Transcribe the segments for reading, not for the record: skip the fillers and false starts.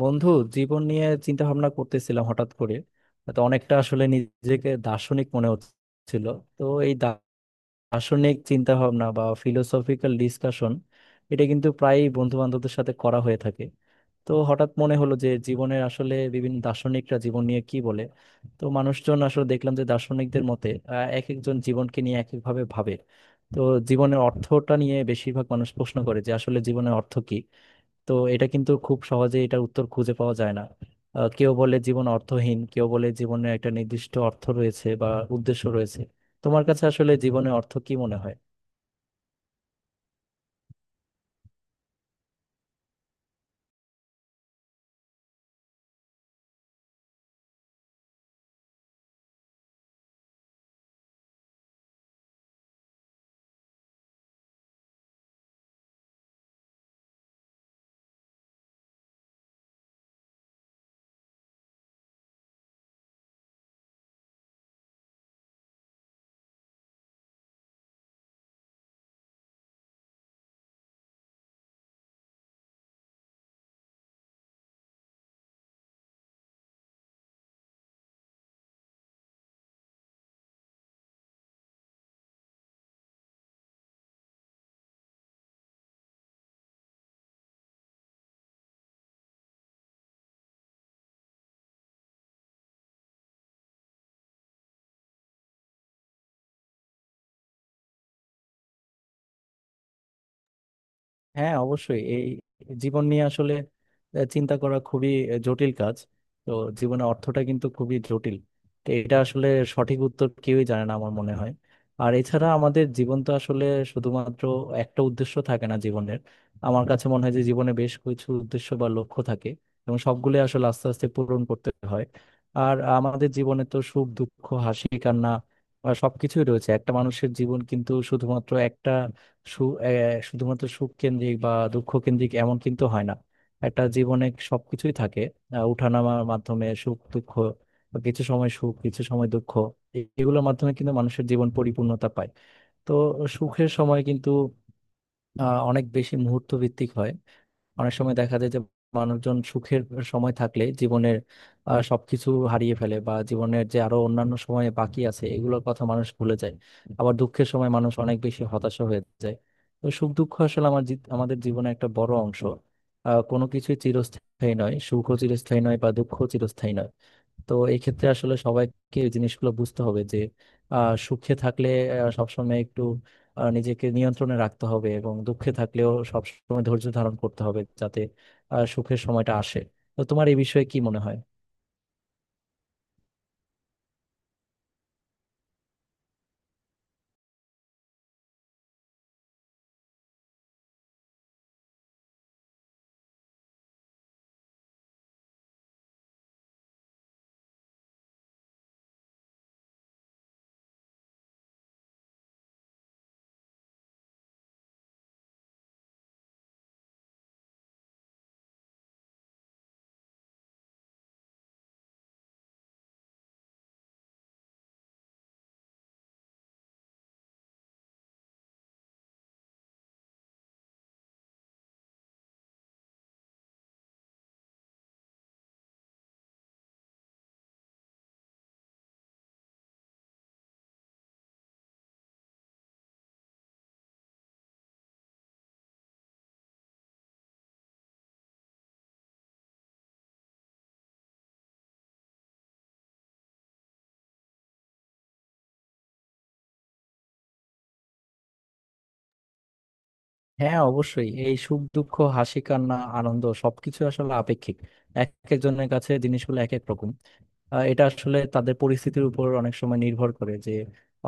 বন্ধু, জীবন নিয়ে চিন্তা ভাবনা করতেছিলাম হঠাৎ করে। তো অনেকটা আসলে নিজেকে দার্শনিক মনে হচ্ছিল। তো এই দার্শনিক চিন্তা ভাবনা বা ফিলোসফিক্যাল ডিসকাশন, এটা কিন্তু প্রায়ই বন্ধু বান্ধবদের সাথে করা হয়ে থাকে। তো হঠাৎ মনে হলো যে জীবনের আসলে বিভিন্ন দার্শনিকরা জীবন নিয়ে কি বলে। তো মানুষজন আসলে দেখলাম যে দার্শনিকদের মতে এক একজন জীবনকে নিয়ে এক একভাবে ভাবে। তো জীবনের অর্থটা নিয়ে বেশিরভাগ মানুষ প্রশ্ন করে যে আসলে জীবনের অর্থ কি। তো এটা কিন্তু খুব সহজে এটার উত্তর খুঁজে পাওয়া যায় না। কেউ বলে জীবন অর্থহীন, কেউ বলে জীবনে একটা নির্দিষ্ট অর্থ রয়েছে বা উদ্দেশ্য রয়েছে। তোমার কাছে আসলে জীবনে অর্থ কি মনে হয়? হ্যাঁ, অবশ্যই এই জীবন নিয়ে আসলে চিন্তা করা খুবই জটিল কাজ। তো জীবনে অর্থটা কিন্তু খুবই জটিল। তো এটা আসলে সঠিক উত্তর কেউই জানে না আমার মনে হয়। আর এছাড়া আমাদের জীবন তো আসলে শুধুমাত্র একটা উদ্দেশ্য থাকে না জীবনের। আমার কাছে মনে হয় যে জীবনে বেশ কিছু উদ্দেশ্য বা লক্ষ্য থাকে এবং সবগুলো আসলে আস্তে আস্তে পূরণ করতে হয়। আর আমাদের জীবনে তো সুখ দুঃখ হাসি কান্না সবকিছুই রয়েছে। একটা মানুষের জীবন কিন্তু শুধুমাত্র একটা সু শুধুমাত্র সুখ কেন্দ্রিক বা দুঃখ কেন্দ্রিক এমন কিন্তু হয় না। একটা জীবনে সবকিছুই থাকে। উঠানামার মাধ্যমে সুখ দুঃখ বা কিছু সময় সুখ কিছু সময় দুঃখ, এগুলোর মাধ্যমে কিন্তু মানুষের জীবন পরিপূর্ণতা পায়। তো সুখের সময় কিন্তু অনেক বেশি মুহূর্ত ভিত্তিক হয়। অনেক সময় দেখা যায় যে মানুষজন সুখের সময় থাকলে জীবনের সবকিছু হারিয়ে ফেলে বা জীবনের যে আরো অন্যান্য সময় বাকি আছে এগুলোর কথা মানুষ ভুলে যায়। আবার দুঃখের সময় মানুষ অনেক বেশি হতাশা হয়ে যায়। তো সুখ দুঃখ আসলে আমাদের জীবনে একটা বড় অংশ। কোনো কিছুই চিরস্থায়ী নয়, সুখও চিরস্থায়ী নয় বা দুঃখও চিরস্থায়ী নয়। তো এই ক্ষেত্রে আসলে সবাইকে এই জিনিসগুলো বুঝতে হবে যে সুখে থাকলে সবসময় একটু নিজেকে নিয়ন্ত্রণে রাখতে হবে এবং দুঃখে থাকলেও সবসময় ধৈর্য ধারণ করতে হবে যাতে সুখের সময়টা আসে। তো তোমার এই বিষয়ে কি মনে হয়? হ্যাঁ, অবশ্যই এই সুখ দুঃখ হাসি কান্না আনন্দ সবকিছু আসলে আপেক্ষিক। এক একজনের কাছে জিনিসগুলো এক এক রকম। এটা আসলে তাদের পরিস্থিতির উপর অনেক সময় নির্ভর করে যে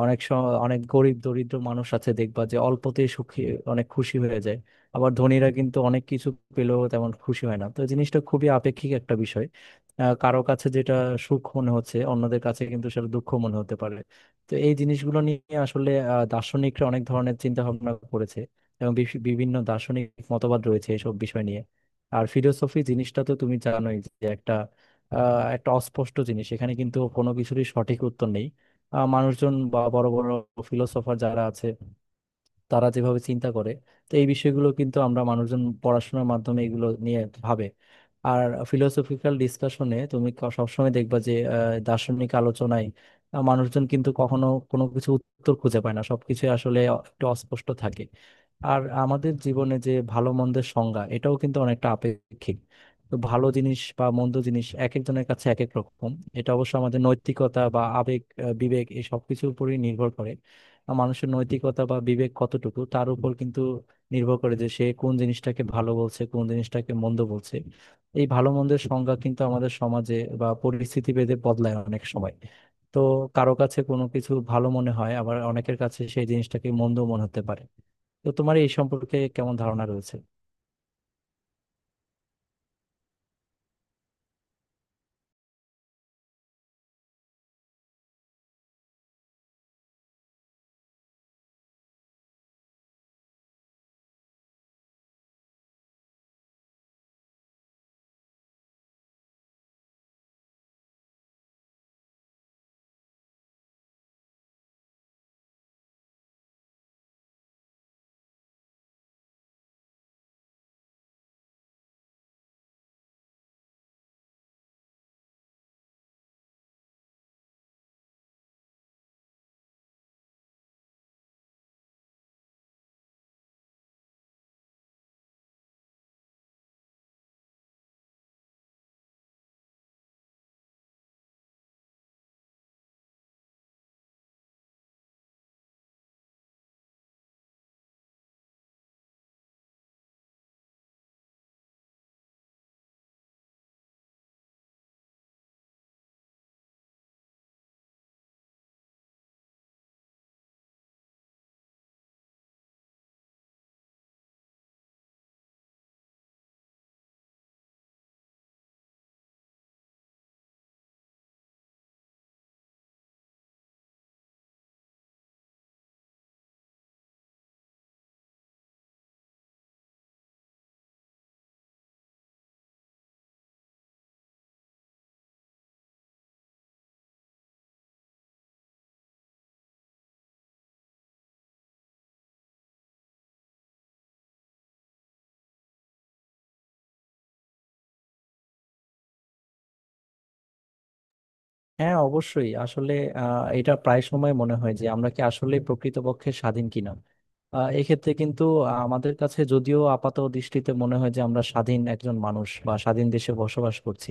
অনেক সময় অনেক গরিব দরিদ্র মানুষ আছে দেখবা যে অল্পতেই সুখী, অনেক খুশি হয়ে যায়। আবার ধনীরা কিন্তু অনেক কিছু পেলেও তেমন খুশি হয় না। তো এই জিনিসটা খুবই আপেক্ষিক একটা বিষয়। কারো কাছে যেটা সুখ মনে হচ্ছে অন্যদের কাছে কিন্তু সেটা দুঃখ মনে হতে পারে। তো এই জিনিসগুলো নিয়ে আসলে দার্শনিকরা অনেক ধরনের চিন্তা ভাবনা করেছে এবং বিভিন্ন দার্শনিক মতবাদ রয়েছে এসব বিষয় নিয়ে। আর ফিলোসফি জিনিসটা তো তুমি জানোই যে একটা একটা অস্পষ্ট জিনিস। এখানে কিন্তু কোনো কিছুরই সঠিক উত্তর নেই। মানুষজন বা বড় বড় ফিলোসফার যারা আছে তারা যেভাবে চিন্তা করে, তো এই বিষয়গুলো কিন্তু আমরা মানুষজন পড়াশোনার মাধ্যমে এগুলো নিয়ে ভাবে। আর ফিলোসফিক্যাল ডিসকাশনে তুমি সবসময় দেখবা যে দার্শনিক আলোচনায় মানুষজন কিন্তু কখনো কোনো কিছু উত্তর খুঁজে পায় না, সবকিছু আসলে একটু অস্পষ্ট থাকে। আর আমাদের জীবনে যে ভালো মন্দের সংজ্ঞা এটাও কিন্তু অনেকটা আপেক্ষিক। তো ভালো জিনিস বা মন্দ জিনিস এক একজনের কাছে এক এক রকম। এটা অবশ্য আমাদের নৈতিকতা বা আবেগ বিবেক এই সবকিছুর উপরই নির্ভর করে। মানুষের নৈতিকতা বা বিবেক কতটুকু তার উপর কিন্তু নির্ভর করে যে সে কোন জিনিসটাকে ভালো বলছে কোন জিনিসটাকে মন্দ বলছে। এই ভালো মন্দের সংজ্ঞা কিন্তু আমাদের সমাজে বা পরিস্থিতি ভেদে বদলায় অনেক সময়। তো কারো কাছে কোনো কিছু ভালো মনে হয়, আবার অনেকের কাছে সেই জিনিসটাকে মন্দ মনে হতে পারে। তো তোমার এই সম্পর্কে কেমন ধারণা রয়েছে? হ্যাঁ, অবশ্যই আসলে এটা প্রায় সময় মনে হয় যে আমরা কি আসলে প্রকৃতপক্ষে স্বাধীন কিনা। এক্ষেত্রে কিন্তু আমাদের কাছে যদিও আপাত দৃষ্টিতে মনে হয় যে আমরা স্বাধীন একজন মানুষ বা স্বাধীন দেশে বসবাস করছি,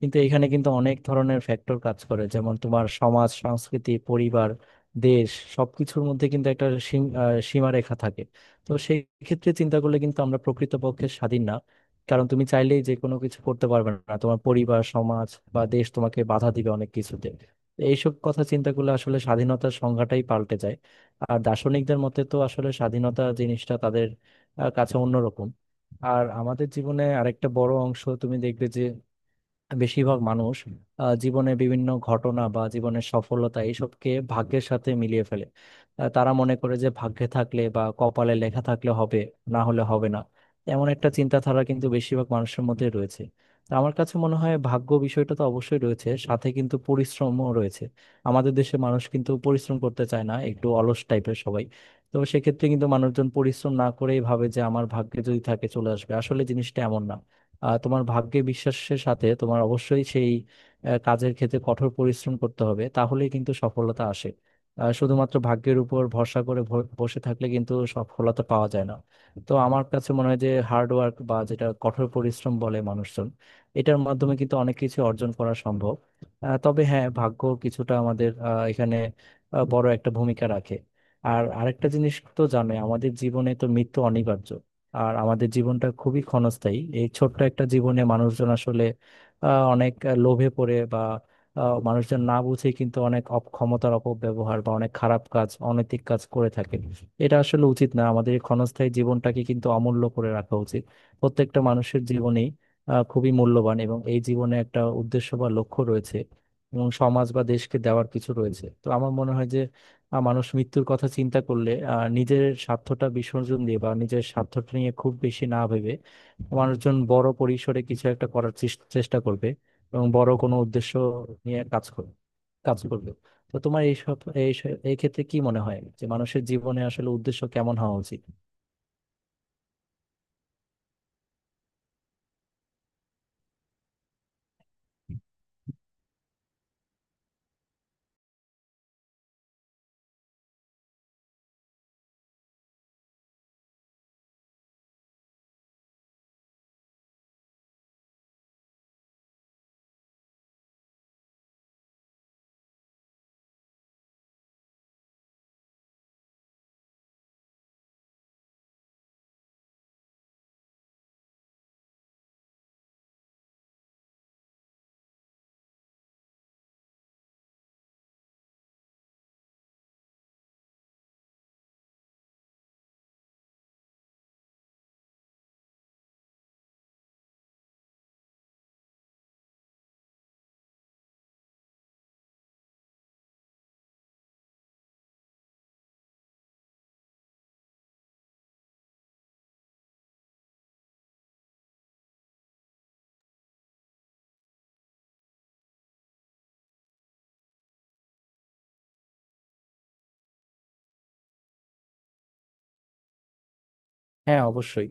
কিন্তু এখানে কিন্তু অনেক ধরনের ফ্যাক্টর কাজ করে, যেমন তোমার সমাজ সংস্কৃতি পরিবার দেশ সবকিছুর মধ্যে কিন্তু একটা সীমারেখা থাকে। তো সেই ক্ষেত্রে চিন্তা করলে কিন্তু আমরা প্রকৃতপক্ষে স্বাধীন না। কারণ তুমি চাইলেই যে কোনো কিছু করতে পারবে না, তোমার পরিবার সমাজ বা দেশ তোমাকে বাধা দিবে অনেক কিছুতে। তো এইসব কথা চিন্তা করলে আসলে স্বাধীনতার সংজ্ঞাটাই পাল্টে যায়। আর দার্শনিকদের মতে তো আসলে স্বাধীনতা জিনিসটা তাদের কাছে অন্যরকম। আর আমাদের জীবনে আরেকটা বড় অংশ তুমি দেখবে যে বেশিরভাগ মানুষ জীবনে বিভিন্ন ঘটনা বা জীবনের সফলতা এইসবকে ভাগ্যের সাথে মিলিয়ে ফেলে। তারা মনে করে যে ভাগ্যে থাকলে বা কপালে লেখা থাকলে হবে, না হলে হবে না। এমন একটা চিন্তাধারা কিন্তু বেশিরভাগ মানুষের মধ্যে রয়েছে। তো আমার কাছে মনে হয় ভাগ্য বিষয়টা তো অবশ্যই রয়েছে, সাথে কিন্তু পরিশ্রমও রয়েছে। আমাদের দেশে মানুষ কিন্তু পরিশ্রম করতে চায় না, একটু অলস টাইপের সবাই। তো সেক্ষেত্রে কিন্তু মানুষজন পরিশ্রম না করেই ভাবে যে আমার ভাগ্যে যদি থাকে চলে আসবে, আসলে জিনিসটা এমন না। তোমার ভাগ্যে বিশ্বাসের সাথে তোমার অবশ্যই সেই কাজের ক্ষেত্রে কঠোর পরিশ্রম করতে হবে, তাহলেই কিন্তু সফলতা আসে। শুধুমাত্র ভাগ্যের উপর ভরসা করে বসে থাকলে কিন্তু সফলতা পাওয়া যায় না। তো আমার কাছে মনে হয় যে হার্ড ওয়ার্ক বা যেটা কঠোর পরিশ্রম বলে মানুষজন, এটার মাধ্যমে কিন্তু অনেক কিছু অর্জন করা সম্ভব। তবে হ্যাঁ, ভাগ্য কিছুটা আমাদের এখানে বড় একটা ভূমিকা রাখে। আর আরেকটা জিনিস তো জানো আমাদের জীবনে তো মৃত্যু অনিবার্য। আর আমাদের জীবনটা খুবই ক্ষণস্থায়ী। এই ছোট্ট একটা জীবনে মানুষজন আসলে অনেক লোভে পড়ে বা মানুষজন না বুঝে কিন্তু অনেক অপ ক্ষমতার অপব্যবহার বা অনেক খারাপ কাজ অনৈতিক কাজ করে থাকে। এটা আসলে উচিত না, আমাদের এই ক্ষণস্থায়ী জীবনটাকে কিন্তু অমূল্য করে রাখা উচিত। প্রত্যেকটা মানুষের জীবনেই খুবই মূল্যবান এবং এই জীবনে একটা উদ্দেশ্য বা লক্ষ্য রয়েছে এবং সমাজ বা দেশকে দেওয়ার কিছু রয়েছে। তো আমার মনে হয় যে মানুষ মৃত্যুর কথা চিন্তা করলে নিজের স্বার্থটা বিসর্জন দিয়ে বা নিজের স্বার্থটা নিয়ে খুব বেশি না ভেবে মানুষজন বড় পরিসরে কিছু একটা করার চেষ্টা করবে এবং বড় কোনো উদ্দেশ্য নিয়ে কাজ করবে কাজ করবে। তো তোমার এইসব এই এই ক্ষেত্রে কি মনে হয় যে মানুষের জীবনে আসলে উদ্দেশ্য কেমন হওয়া উচিত? হ্যাঁ, অবশ্যই।